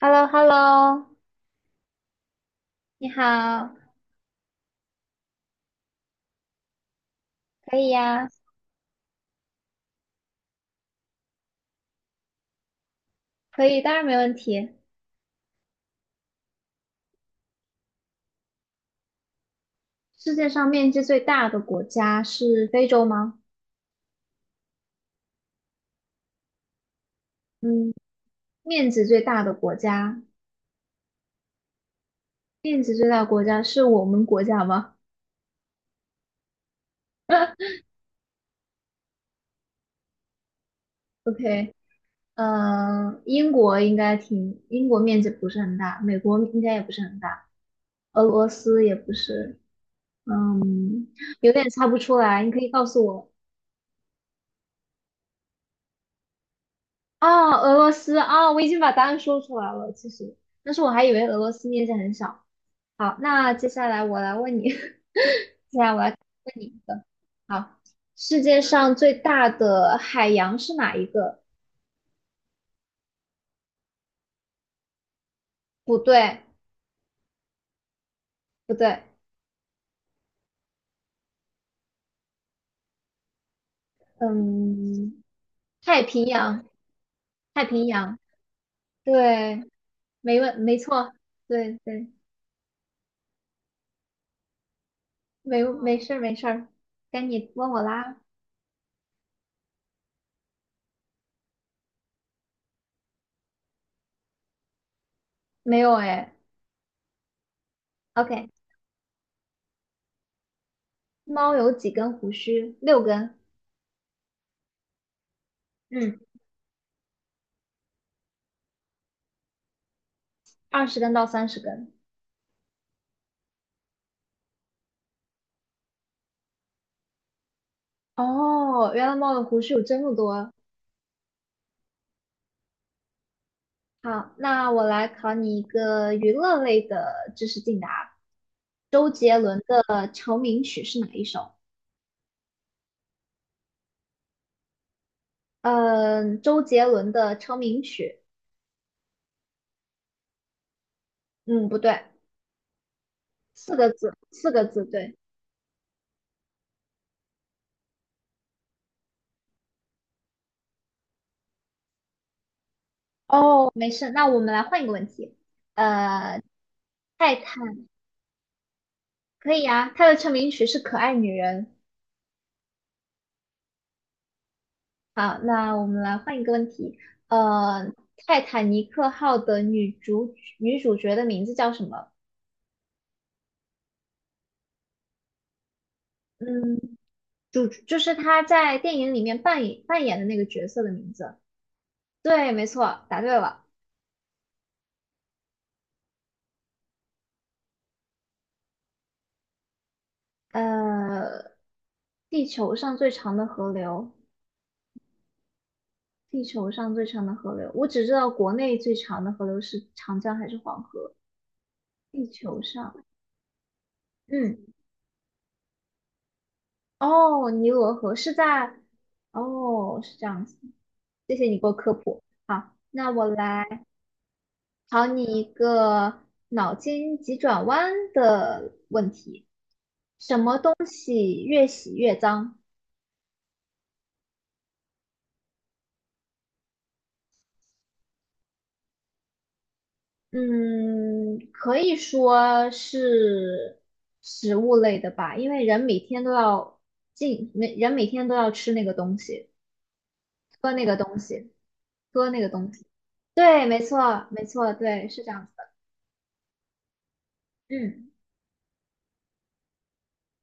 h e l l o h e l l o 你好，可以呀，可以，当然没问题。世界上面积最大的国家是非洲吗？嗯，面积最大的国家，面积最大的国家是我们国家吗？OK，英国应该挺，英国面积不是很大，美国应该也不是很大，俄罗斯也不是，嗯，有点猜不出来，你可以告诉我。哦，俄罗斯，哦，我已经把答案说出来了，其实，但是我还以为俄罗斯面积很小。好，那接下来我来问你，接下来我来问你一个。好，世界上最大的海洋是哪一个？不对，不对，嗯，太平洋，太平洋，对，没错，对对，没事儿没事儿，该你问我啦。没有哎，OK，猫有几根胡须？6根，嗯，20根到30根。哦，原来猫的胡须有这么多。好，那我来考你一个娱乐类的知识竞答。周杰伦的成名曲是哪一首？嗯，周杰伦的成名曲，嗯，不对，四个字，四个字，对。哦，没事，那我们来换一个问题。呃，泰坦可以啊，他的成名曲是《可爱女人》。好，那我们来换一个问题。呃，泰坦尼克号的女主角的名字叫什么？嗯。主就是他在电影里面扮演的那个角色的名字。对，没错，答对了。呃，地球上最长的河流，地球上最长的河流，我只知道国内最长的河流是长江还是黄河。地球上，嗯，哦，尼罗河是在，哦，是这样子。谢谢你给我科普。好，那我来考你一个脑筋急转弯的问题：越洗越脏。嗯，可以说是食物类的吧，因为人每天都要进，每人每天都要吃那个东西，喝那个东西，喝那个东西。对，没错，没错，对，是这样子的。嗯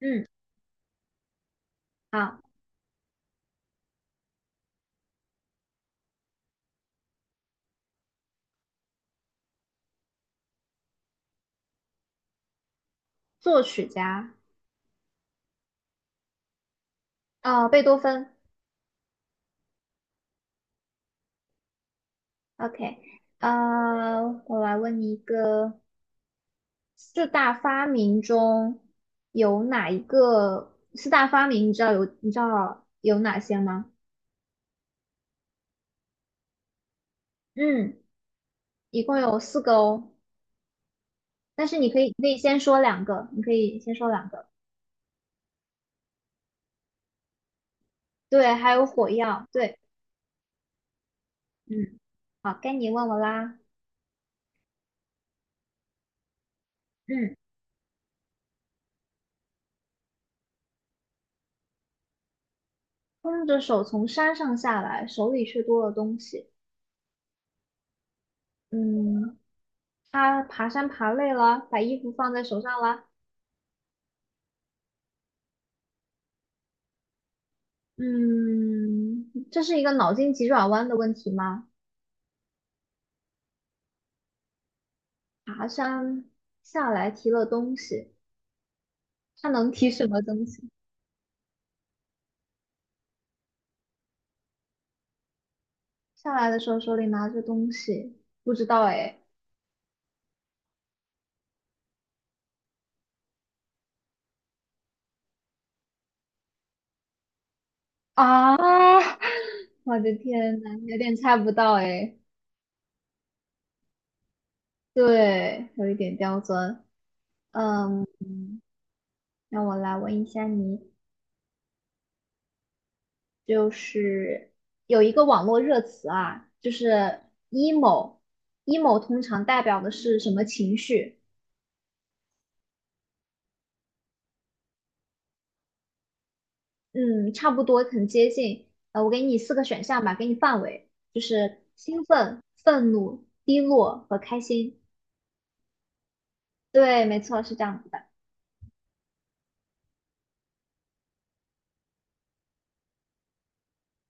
嗯，好，作曲家，啊，贝多芬。OK，我来问你一个，四大发明中有哪一个？四大发明你知道有哪些吗？嗯。一共有四个哦，但是你可以先说两个，你可以先说两个。对，还有火药。对，嗯，好，该你问我啦。嗯，空着手从山上下来，手里却多了东西。嗯，他爬山爬累了，把衣服放在手上了。嗯，这是一个脑筋急转弯的问题吗？爬山下来提了东西，他能提什么东西？下来的时候手里拿着东西，不知道哎。啊，我的天呐，有点猜不到哎，对，有一点刁钻。嗯，让我来问一下你，就是有一个网络热词啊，就是 emo，emo 通常代表的是什么情绪？嗯，差不多很接近。我给你四个选项吧，给你范围，就是兴奋、愤怒、低落和开心。对，没错，是这样子的。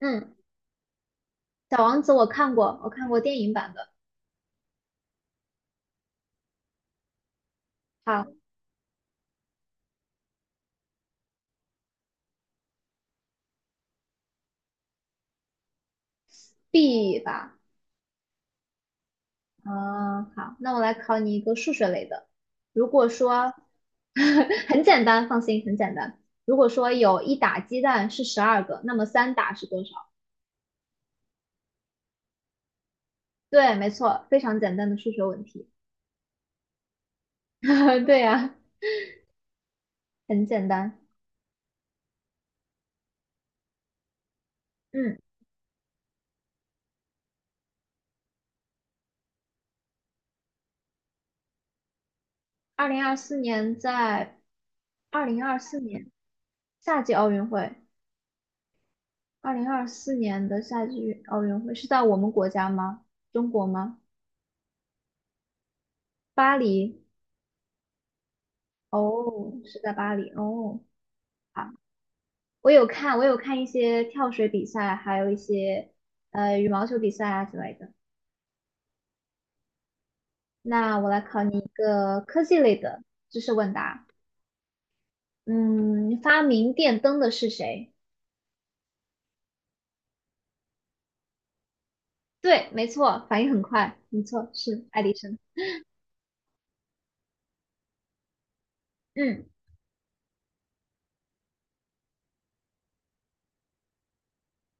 嗯，《小王子》我看过电影版的。好，B 吧。嗯，好，那我来考你一个数学类的。如果说 很简单，放心，很简单。如果说有1打鸡蛋是12个，那么3打是多少？对，没错，非常简单的数学问题。对呀，很简单。嗯，二零二四年在二零二四年夏季奥运会，二零二四年的夏季奥运会是在我们国家吗？中国吗？巴黎。哦，是在巴黎。哦，我有看一些跳水比赛，还有一些羽毛球比赛啊之类的。那我来考你一个科技类的知识问答。嗯，发明电灯的是谁？对，没错，反应很快，没错，是爱迪生。嗯，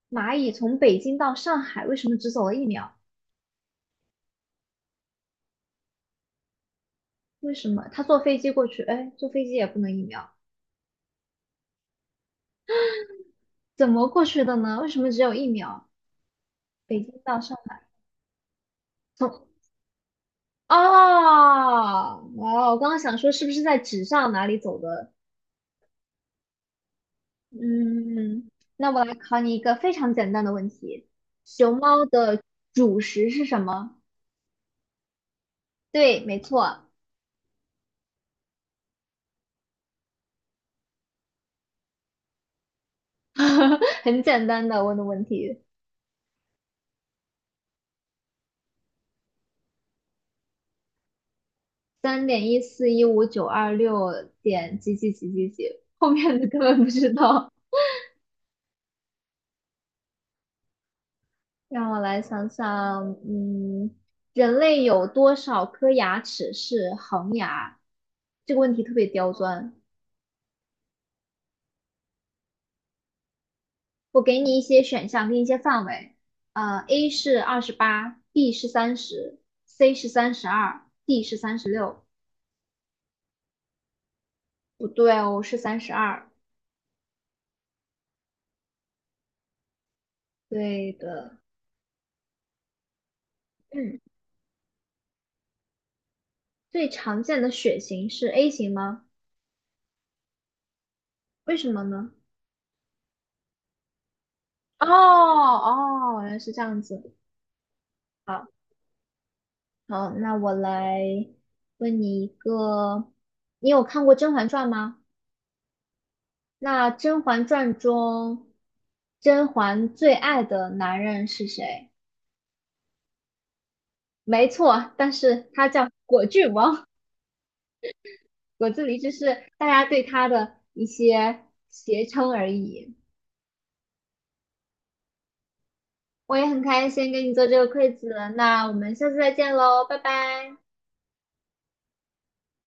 蚂蚁从北京到上海为什么只走了一秒？为什么？它坐飞机过去，哎，坐飞机也不能一秒，怎么过去的呢？为什么只有一秒？北京到上海。哦哇哦！我刚刚想说是不是在纸上哪里走的？嗯，那我来考你一个非常简单的问题：熊猫的主食是什么？对，没错，很简单的问题，3.1415926点几几几几几，后面的根本不知道。让我来想想，嗯，人类有多少颗牙齿是恒牙？这个问题特别刁钻。我给你一些选项跟一些范围，A 是28，B 是三十，C 是三十二，D 是36。不对哦，是三十二。对的，嗯，最常见的血型是 A 型吗？为什么呢？哦哦，原来是这样子。好，好，那我来问你一个，你有看过《甄嬛传》吗？那《甄嬛传》中，甄嬛最爱的男人是谁？没错，但是它叫果郡王，果子狸只是大家对它的一些谐称而已。我也很开心跟你做这个 q u 那我们下次再见喽，拜拜。